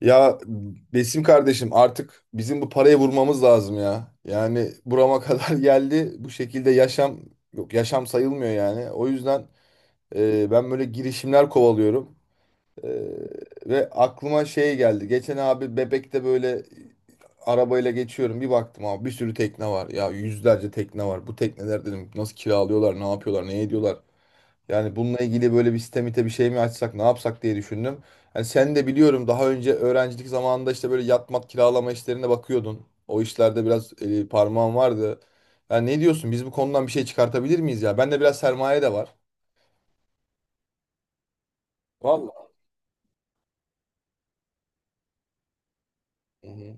Ya Besim kardeşim artık bizim bu parayı vurmamız lazım ya. Yani burama kadar geldi. Bu şekilde yaşam yok yaşam sayılmıyor yani. O yüzden ben böyle girişimler kovalıyorum. E, Ve aklıma şey geldi. Geçen abi Bebek'te böyle arabayla geçiyorum. Bir baktım abi bir sürü tekne var. Ya yüzlerce tekne var. Bu tekneler dedim nasıl kiralıyorlar, ne yapıyorlar, ne ediyorlar. Yani bununla ilgili böyle bir sistemite bir şey mi açsak ne yapsak diye düşündüm. Yani sen de biliyorum daha önce öğrencilik zamanında işte böyle yatmat kiralama işlerine bakıyordun. O işlerde biraz parmağın vardı. Yani ne diyorsun biz bu konudan bir şey çıkartabilir miyiz ya? Bende biraz sermaye de var. Vallahi. Hı hı.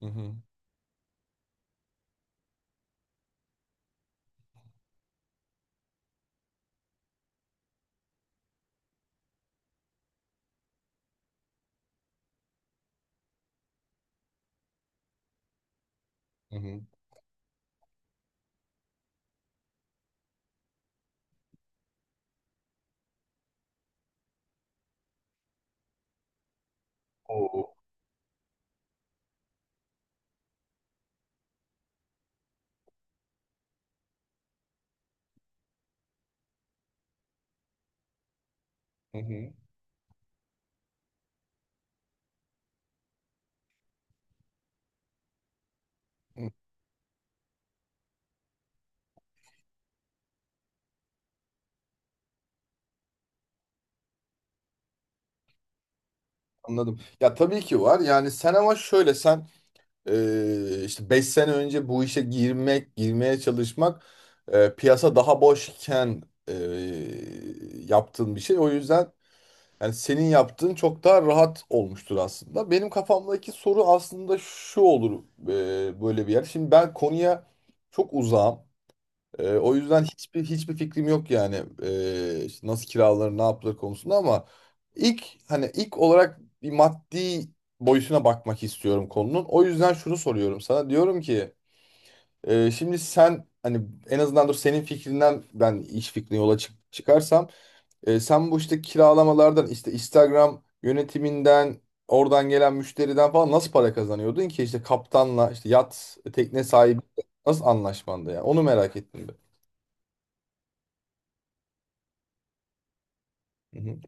Hı hı. Hı hı. Oo. Hı hı. Hı. Anladım. Ya tabii ki var. Yani sen ama şöyle sen işte 5 sene önce bu işe girmek, girmeye çalışmak piyasa daha boşken e, yaptığın bir şey. O yüzden yani senin yaptığın çok daha rahat olmuştur aslında. Benim kafamdaki soru aslında şu olur böyle bir yer. Şimdi ben konuya çok uzağım. O yüzden hiçbir fikrim yok yani işte nasıl kiralanır, ne yapılır konusunda ama ilk hani ilk olarak bir maddi boyutuna bakmak istiyorum konunun. O yüzden şunu soruyorum sana. Diyorum ki şimdi sen hani en azından dur senin fikrinden ben iş fikrine yola çıkarsam sen bu işte kiralamalardan işte Instagram yönetiminden oradan gelen müşteriden falan nasıl para kazanıyordun ki işte kaptanla işte yat tekne sahibi nasıl anlaşmanda ya onu merak ettim ben. Hı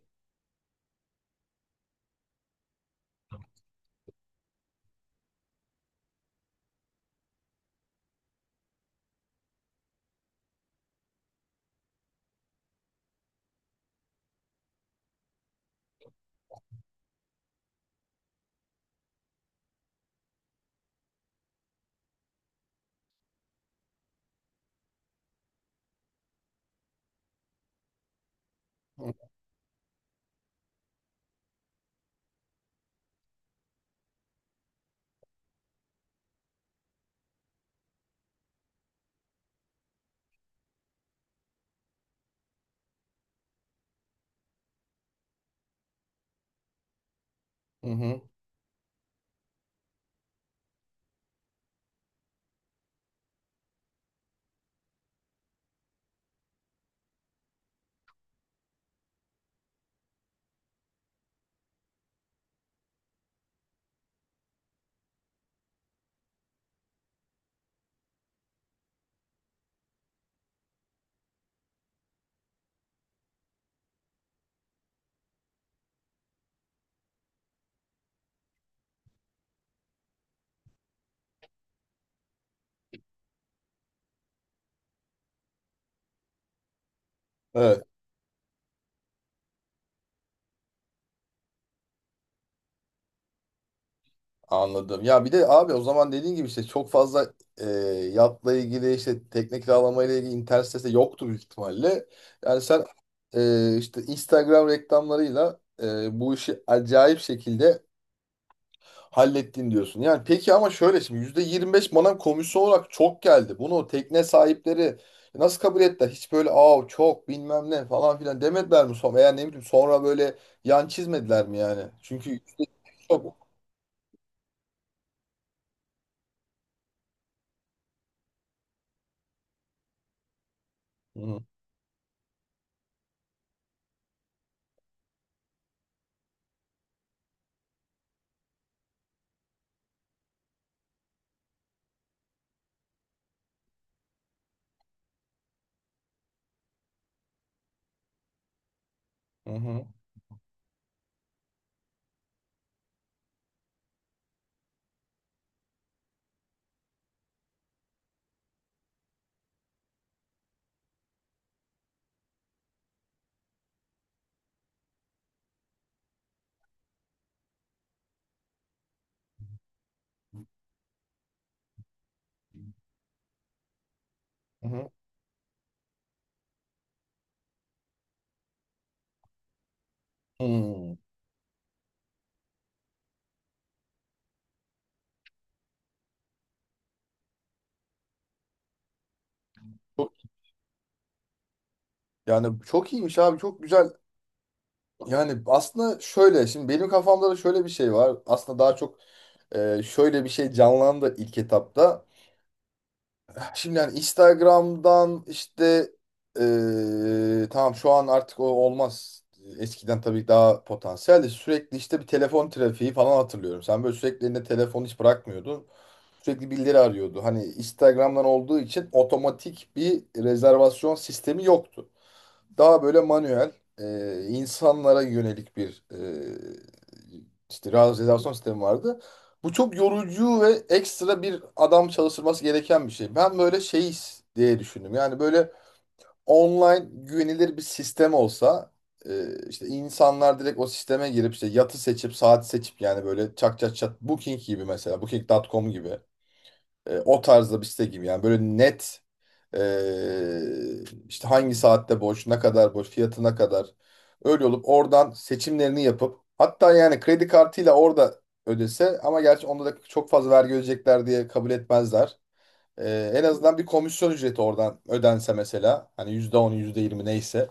hı. Hı hı. Evet, anladım. Ya bir de abi o zaman dediğin gibi işte çok fazla e, yatla ilgili işte tekne kiralama ile ilgili internet sitesi de yoktu büyük ihtimalle. Yani sen işte Instagram reklamlarıyla bu işi acayip şekilde hallettin diyorsun. Yani peki ama şöyle şimdi %25 bana komisyon olarak çok geldi. Bunu tekne sahipleri nasıl kabul ettiler? Hiç böyle aa çok bilmem ne falan filan demediler mi sonra? Veya ne bileyim sonra böyle yan çizmediler mi yani? Çünkü çok... Hı hı. Hı hı. Hmm. Çok- Yani çok iyiymiş abi, çok güzel. Yani aslında şöyle şimdi benim kafamda da şöyle bir şey var. Aslında daha çok şöyle bir şey canlandı ilk etapta. Şimdi yani Instagram'dan işte tamam şu an artık o olmaz. Eskiden tabii daha potansiyeldi. Sürekli işte bir telefon trafiği falan hatırlıyorum. Sen böyle sürekli elinde telefon hiç bırakmıyordun. Sürekli birileri arıyordu. Hani Instagram'dan olduğu için otomatik bir rezervasyon sistemi yoktu. Daha böyle manuel, insanlara yönelik bir işte realizasyon sistemi vardı. Bu çok yorucu ve ekstra bir adam çalıştırması gereken bir şey. Ben böyle şey diye düşündüm. Yani böyle online güvenilir bir sistem olsa işte insanlar direkt o sisteme girip işte yatı seçip saati seçip yani böyle çak çak çak Booking gibi, mesela booking nokta com gibi o tarzda bir site gibi yani böyle net ee, işte hangi saatte boş, ne kadar boş, fiyatına kadar. Öyle olup oradan seçimlerini yapıp hatta yani kredi kartıyla orada ödese ama gerçi onda da çok fazla vergi ödeyecekler diye kabul etmezler. En azından bir komisyon ücreti oradan ödense mesela hani %10, yüzde yirmi neyse.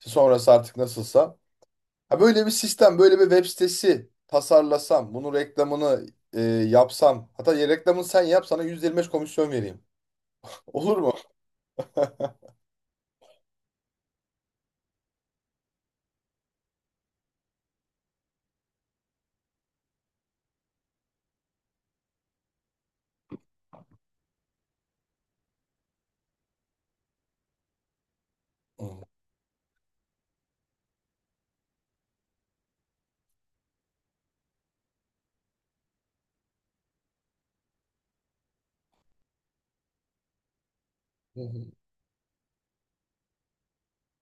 İşte sonrası artık nasılsa. Ha böyle bir sistem, böyle bir web sitesi tasarlasam, bunun reklamını yapsam hatta ya reklamını sen yap sana %25 komisyon vereyim. Olur mu? Hmm. Hı hı.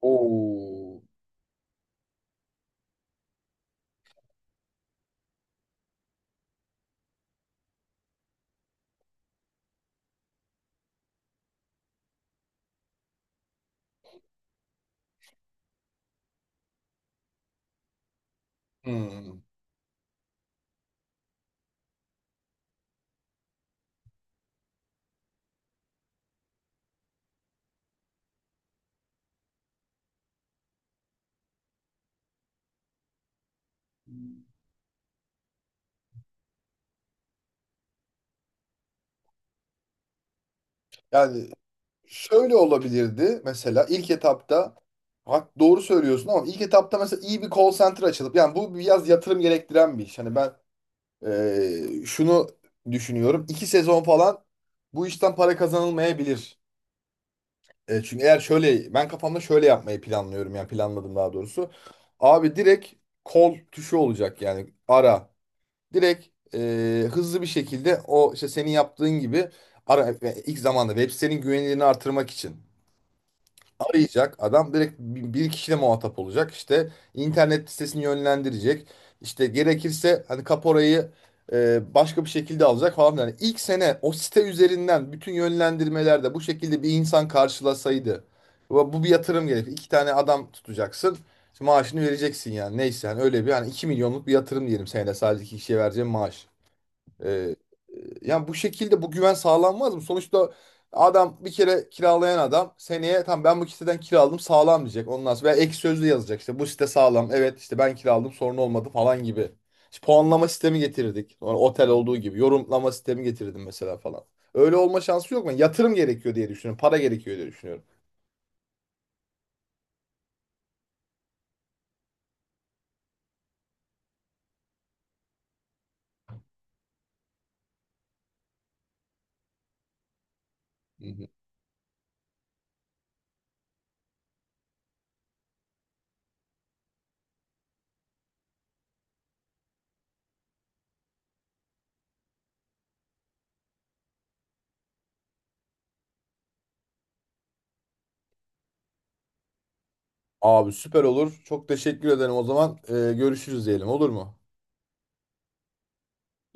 Oo. Hmm. Yani şöyle olabilirdi mesela ilk etapta hak doğru söylüyorsun ama ilk etapta mesela iyi bir call center açılıp yani bu biraz yatırım gerektiren bir iş. Hani ben şunu düşünüyorum. İki sezon falan bu işten para kazanılmayabilir. E, çünkü eğer şöyle ben kafamda şöyle yapmayı planlıyorum yani planladım daha doğrusu. Abi direkt call tuşu olacak yani ara. Direkt hızlı bir şekilde o işte senin yaptığın gibi ara, yani ilk zamanda web sitenin güvenilirliğini artırmak için arayacak adam direkt bir kişiyle muhatap olacak işte internet sitesini yönlendirecek işte gerekirse hani kaporayı başka bir şekilde alacak falan filan. Yani ilk sene o site üzerinden bütün yönlendirmelerde bu şekilde bir insan karşılasaydı bu bir yatırım gerekir iki tane adam tutacaksın maaşını vereceksin yani neyse yani öyle bir hani 2 milyonluk bir yatırım diyelim senede sadece iki kişiye vereceğim maaş. Ee, e, yani bu şekilde bu güven sağlanmaz mı? Sonuçta adam bir kere kiralayan adam seneye tam ben bu siteden kiraladım sağlam diyecek. Ondan sonra veya ek sözlü yazacak işte bu site sağlam. Evet işte ben kiraladım sorun olmadı falan gibi. İşte puanlama sistemi getirirdik. Sonra otel olduğu gibi yorumlama sistemi getirdim mesela falan. Öyle olma şansı yok mu? Yatırım gerekiyor diye düşünüyorum. Para gerekiyor diye düşünüyorum. Hı hı. Abi süper olur. Çok teşekkür ederim o zaman. Görüşürüz diyelim, olur mu?